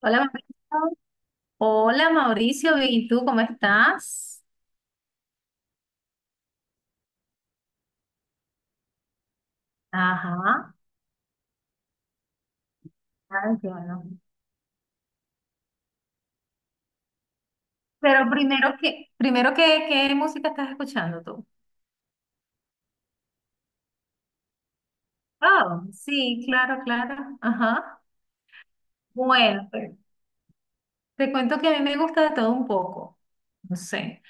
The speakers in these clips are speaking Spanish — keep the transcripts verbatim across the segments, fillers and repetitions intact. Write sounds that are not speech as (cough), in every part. Hola Mauricio. Hola Mauricio, bien, ¿y tú cómo estás? Ajá, ay, qué bueno. Pero primero que, primero que, ¿qué música estás escuchando tú? Oh, sí, claro, claro. Ajá. Bueno, pues, te cuento que a mí me gusta de todo un poco. No sé.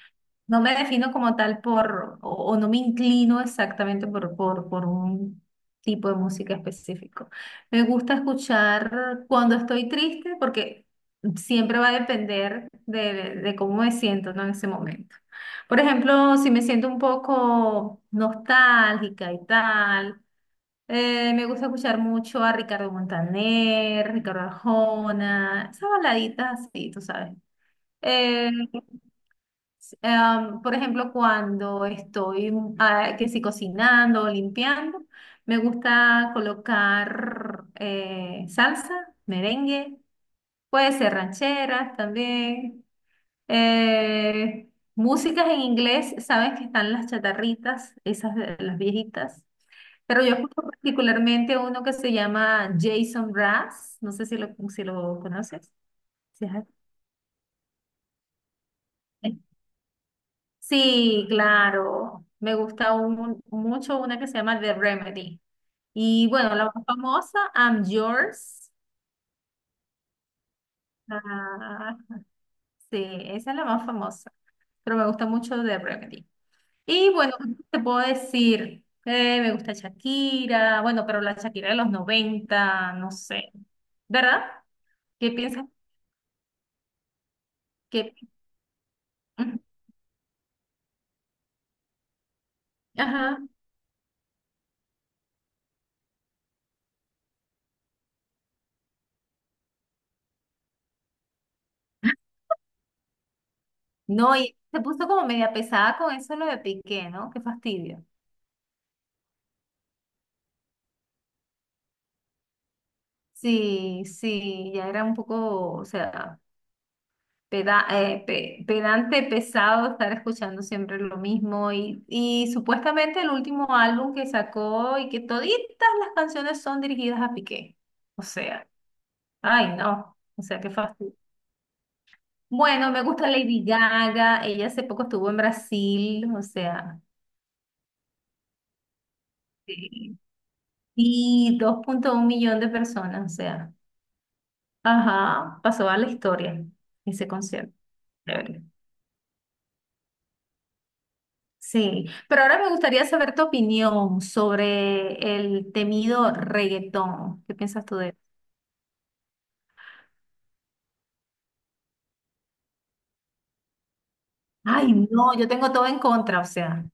No me defino como tal por, o, o no me inclino exactamente por, por, por un tipo de música específico. Me gusta escuchar cuando estoy triste porque siempre va a depender de, de- de cómo me siento, ¿no? En ese momento. Por ejemplo, si me siento un poco nostálgica y tal, eh, me gusta escuchar mucho a Ricardo Montaner, Ricardo Arjona, esas baladitas así, tú sabes. Eh, Em, por ejemplo, cuando estoy mm, ah, que si cocinando o limpiando, me gusta colocar eh, salsa, merengue, puede ser rancheras también. eh, Músicas en inglés, sabes que están las chatarritas, esas de las viejitas. Pero yo escucho particularmente uno que se llama Jason Brass, no sé si lo, si lo conoces. Si has- Sí, claro. Me gusta un- mucho una que se llama The Remedy. Y bueno, la más famosa, I'm Yours. Ah, sí, esa es la más famosa. Pero me gusta mucho The Remedy. Y bueno, ¿qué te puedo decir? Eh, me gusta Shakira. Bueno, pero la Shakira de los noventa, no sé. ¿Verdad? ¿Qué piensas? ¿Qué? Ujú. Ajá. No, y se puso como media pesada con eso lo de Piqué, ¿no? Qué fastidio. Sí, sí, ya era un poco, o sea, peda- eh, pe- pedante, pesado estar escuchando siempre lo mismo y, y supuestamente el último álbum que sacó y que toditas las canciones son dirigidas a Piqué. O sea, ay no, o sea, qué fastidio. Bueno, me gusta Lady Gaga, ella hace poco estuvo en Brasil, o sea, sí, y dos punto uno millón de personas, o sea, ajá, pasó a la historia ese concierto. Sí, pero ahora me gustaría saber tu opinión sobre el temido reggaetón. ¿Qué piensas tú de eso? Ay, no, yo tengo todo en contra, o sea,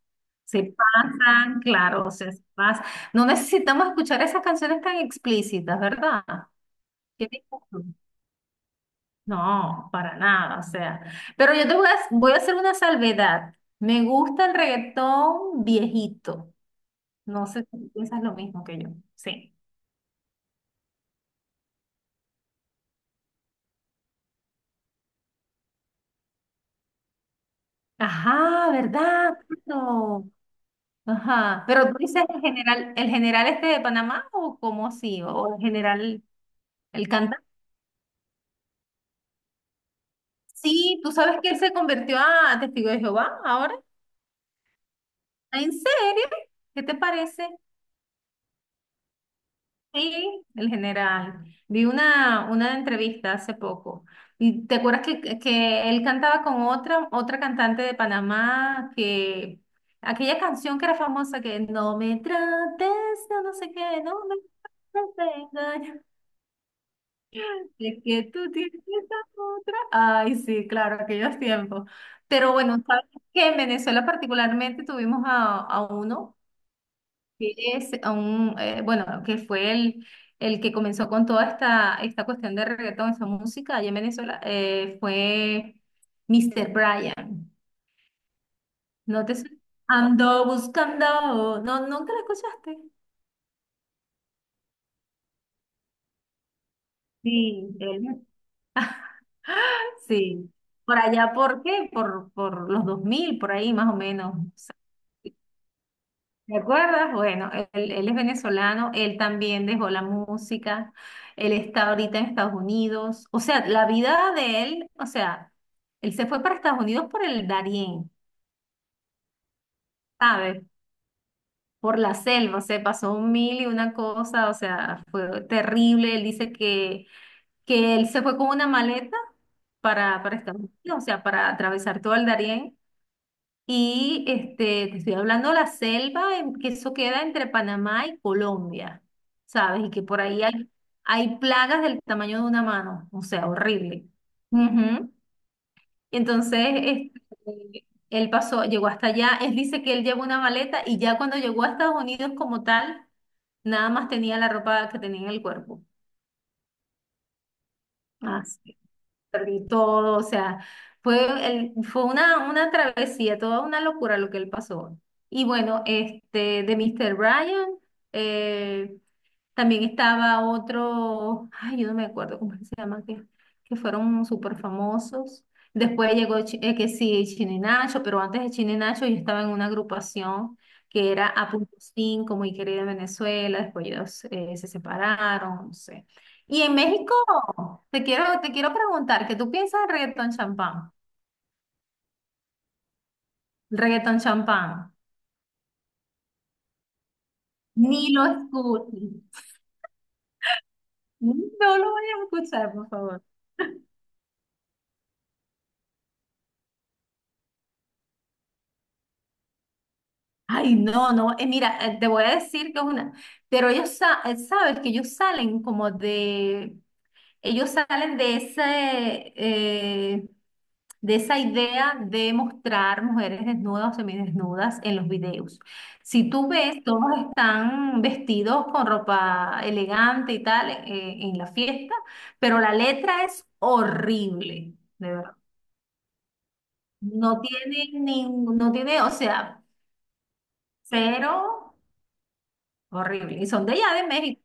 se pasan, claro, o sea, se pasan. No necesitamos escuchar esas canciones tan explícitas, ¿verdad? ¿Qué dices tú? No, para nada, o sea. Pero yo te voy a, voy a hacer una salvedad. Me gusta el reggaetón viejito. No sé si piensas lo mismo que yo. Sí. Ajá, ¿verdad? Claro. Ajá, pero tú dices el general, el general este de Panamá o cómo así, o el general, el cantante. Sí, tú sabes que él se convirtió a testigo de Jehová ahora. Ah, ¿en serio? ¿Qué te parece? Sí, el general. Vi una, una entrevista hace poco. ¿Y te acuerdas que, que él cantaba con otra, otra cantante de Panamá que aquella canción que era famosa que no me trates, de no sé qué, no me trates. de engañar? De que tú tienes esa otra. Ay, sí, claro, aquellos tiempos. Pero bueno, sabes que en Venezuela particularmente tuvimos a, a uno que es a un, eh, bueno, que fue el, el que comenzó con toda esta, esta cuestión de reggaetón, esa música allá en Venezuela, eh, fue mister Brian. ¿No te suena? Ando buscando. No, nunca la escuchaste. Sí, él. (laughs) Sí, por allá, ¿por qué? Por, por los dos mil por ahí más o menos. ¿Te acuerdas? Bueno, él, él es venezolano, él también dejó la música, él está ahorita en Estados Unidos, o sea, la vida de él, o sea, él se fue para Estados Unidos por el Darién, ¿sabes? Por la selva, se pasó un mil y una cosa, o sea, fue terrible, él dice que, que él se fue con una maleta para, para Estados Unidos, o sea, para atravesar todo el Darién. Y este, te estoy hablando de la selva, en- que eso queda entre Panamá y Colombia, ¿sabes? Y que por ahí hay, hay plagas del tamaño de una mano, o sea, horrible. Ujú. Entonces, este, él pasó, llegó hasta allá, él dice que él llevó una maleta y ya cuando llegó a Estados Unidos como tal, nada más tenía la ropa que tenía en el cuerpo. Así perdí todo, o sea, fue, el- fue una, una travesía, toda una locura lo que él pasó. Y bueno, este, de mister Ryan, eh, también estaba otro, ay, yo no me acuerdo cómo es que se llama, que, que fueron súper famosos. Después llegó Chi- eh, que sí, Chino y Nacho, pero antes de Chino y Nacho yo estaba en una agrupación que era A.5, muy querida en Venezuela, después ellos eh, se separaron, no sé. Y en México, te quiero, te quiero preguntar, ¿qué tú piensas del reggaetón champán? El reggaetón champán. Ni lo escuches. No lo voy a escuchar, por favor. Ay, no, no, eh, mira, eh, te voy a decir que es una, pero ellos, sa- eh, sabes que ellos salen como de, ellos salen de ese, eh, de esa idea de mostrar mujeres desnudas o semidesnudas en los videos. Si tú ves, todos están vestidos con ropa elegante y tal, eh, en la fiesta, pero la letra es horrible, de verdad. No tiene ningún, no tiene, o sea, cero. Horrible. Y son de allá de México.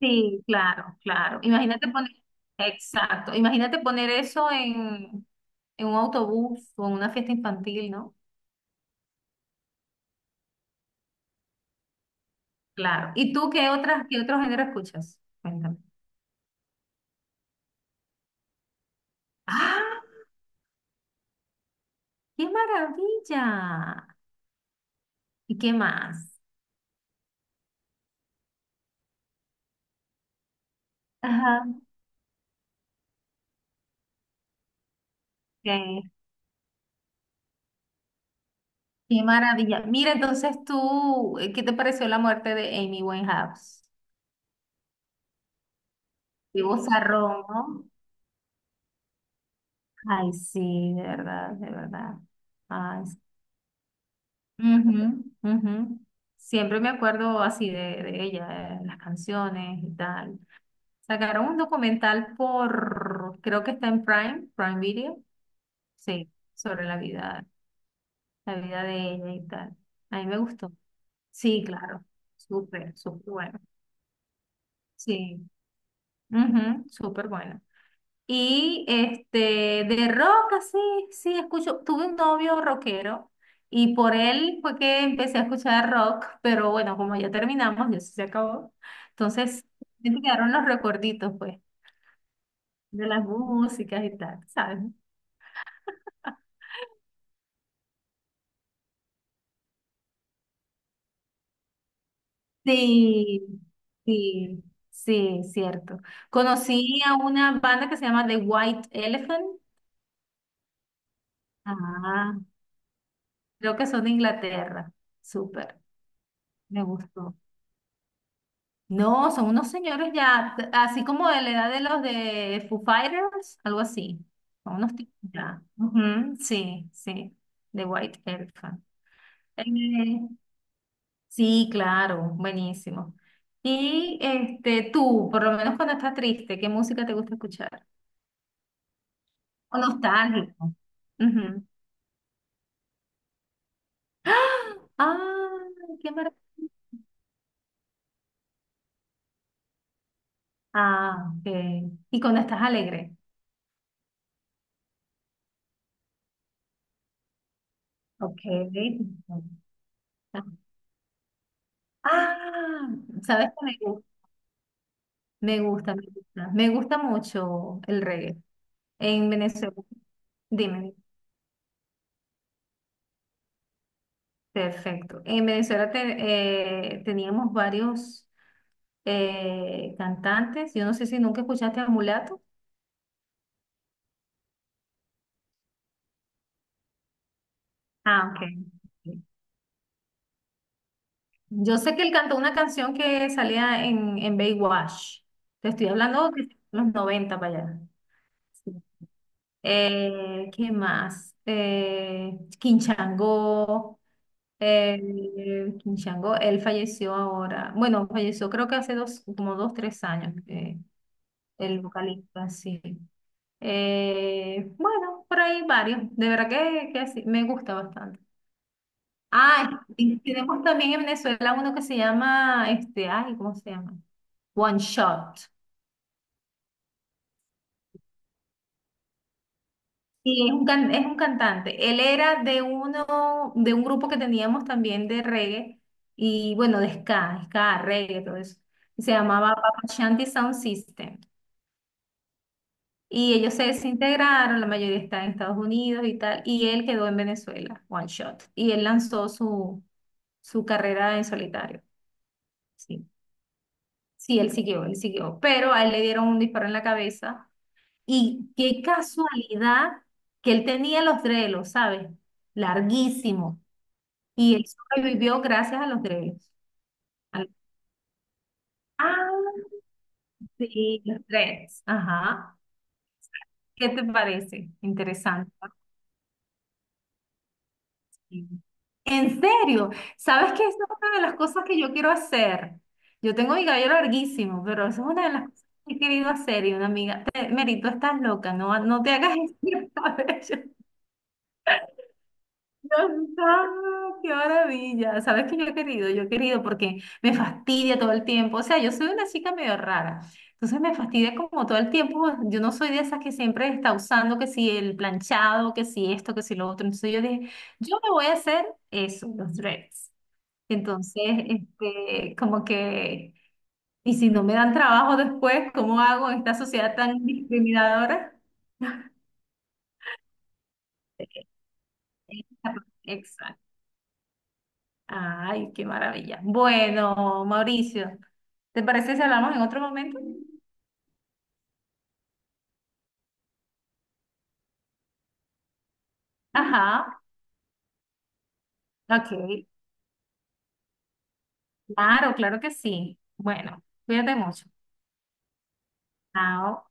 Sí, claro, claro. Imagínate poner, exacto. Imagínate poner eso en, en un autobús o en una fiesta infantil, ¿no? Claro. ¿Y tú qué otras, qué otro género escuchas? Cuéntame. ¡Ah! ¡Qué maravilla! ¿Y qué más? Ajá. Ok. ¡Qué maravilla! Mira, entonces tú, eh, ¿qué te pareció la muerte de Amy Winehouse? Qué vozarrón, ¿no? Ay, sí, de verdad, de verdad. Ay, ujú, ujú. Siempre me acuerdo así de, de ella, eh, las canciones y tal. Sacaron un documental por, creo que está en Prime, Prime Video, sí, sobre la vida, la vida de ella y tal. A mí me gustó. Sí, claro, súper, súper bueno. Sí, ujú, súper bueno. Y este, de rock, así, sí, escucho. Tuve un novio rockero y por él fue que empecé a escuchar rock, pero bueno, como ya terminamos, ya se acabó. Entonces, me quedaron los recuerditos, pues, de las músicas y tal, ¿sabes? Sí, sí, sí, cierto. Conocí a una banda que se llama The White Elephant. Ah, creo que son de Inglaterra. Súper, me gustó. No, son unos señores ya, t- así como de la edad de los de Foo Fighters, algo así. Son unos tipos ya. Ujú, sí, sí, de White Elephant. Eh, sí, claro, buenísimo. Y este, tú, por lo menos cuando estás triste, ¿qué música te gusta escuchar? O nostálgico. Ujú. Ah, qué maravilla. Ah, ok. Y cuando estás alegre. Ok. Ah, ¿sabes qué? Me gusta, me gusta. Me gusta mucho el reggae. En Venezuela, dime, perfecto. En Venezuela te- eh, teníamos varios eh, cantantes. Yo no sé si nunca escuchaste a Mulato. Ah, ok. Yo sé que él cantó una canción que salía en, en Baywatch. Te estoy hablando de los noventa para allá. Sí. Eh, ¿qué más? Eh, Quinchango. Eh, Kim Chango, él falleció ahora, bueno, falleció creo que hace dos, como dos, tres años, eh, el vocalista, sí. Eh, bueno, por ahí varios, de verdad que, que sí, me gusta bastante. Ah, y tenemos también en Venezuela uno que se llama, este, ay, ¿cómo se llama? One Shot. Sí, es un can- es un cantante. Él era de uno, de un grupo que teníamos también de reggae y bueno, de ska, ska, reggae, todo eso. Se llamaba Papa Shanti Sound System. Y ellos se desintegraron, la mayoría está en Estados Unidos y tal, y él quedó en Venezuela, One Shot. Y él lanzó su, su carrera en solitario. Sí, sí, él siguió, él siguió. Pero a él le dieron un disparo en la cabeza. Y qué casualidad que él tenía los drelos, ¿sabes? Larguísimos. Y él sobrevivió gracias a los dreads. A los- Ah, sí, los dreads. Ajá. ¿Qué te parece? Interesante. Sí. En serio, ¿sabes qué? Esa es una de las cosas que yo quiero hacer. Yo tengo mi cabello larguísimo, pero esa es una de las cosas que he querido hacer. Y una amiga, te, Merito, estás loca, no, no te hagas (laughs) ese cabello. Dios santo, qué maravilla. ¿Sabes qué yo he querido? Yo he querido porque me fastidia todo el tiempo. O sea, yo soy una chica medio rara. Entonces me fastidia como todo el tiempo. Yo no soy de esas que siempre está usando que si el planchado, que si esto, que si lo otro. Entonces yo dije, yo me voy a hacer eso, los dreads. Entonces, este, como que, y si no me dan trabajo después, ¿cómo hago en esta sociedad tan discriminadora? (laughs) Exacto. Ay, qué maravilla. Bueno, Mauricio, ¿te parece si hablamos en otro momento? Ajá, ok. Claro, claro que sí. Bueno, cuídate mucho. Chao.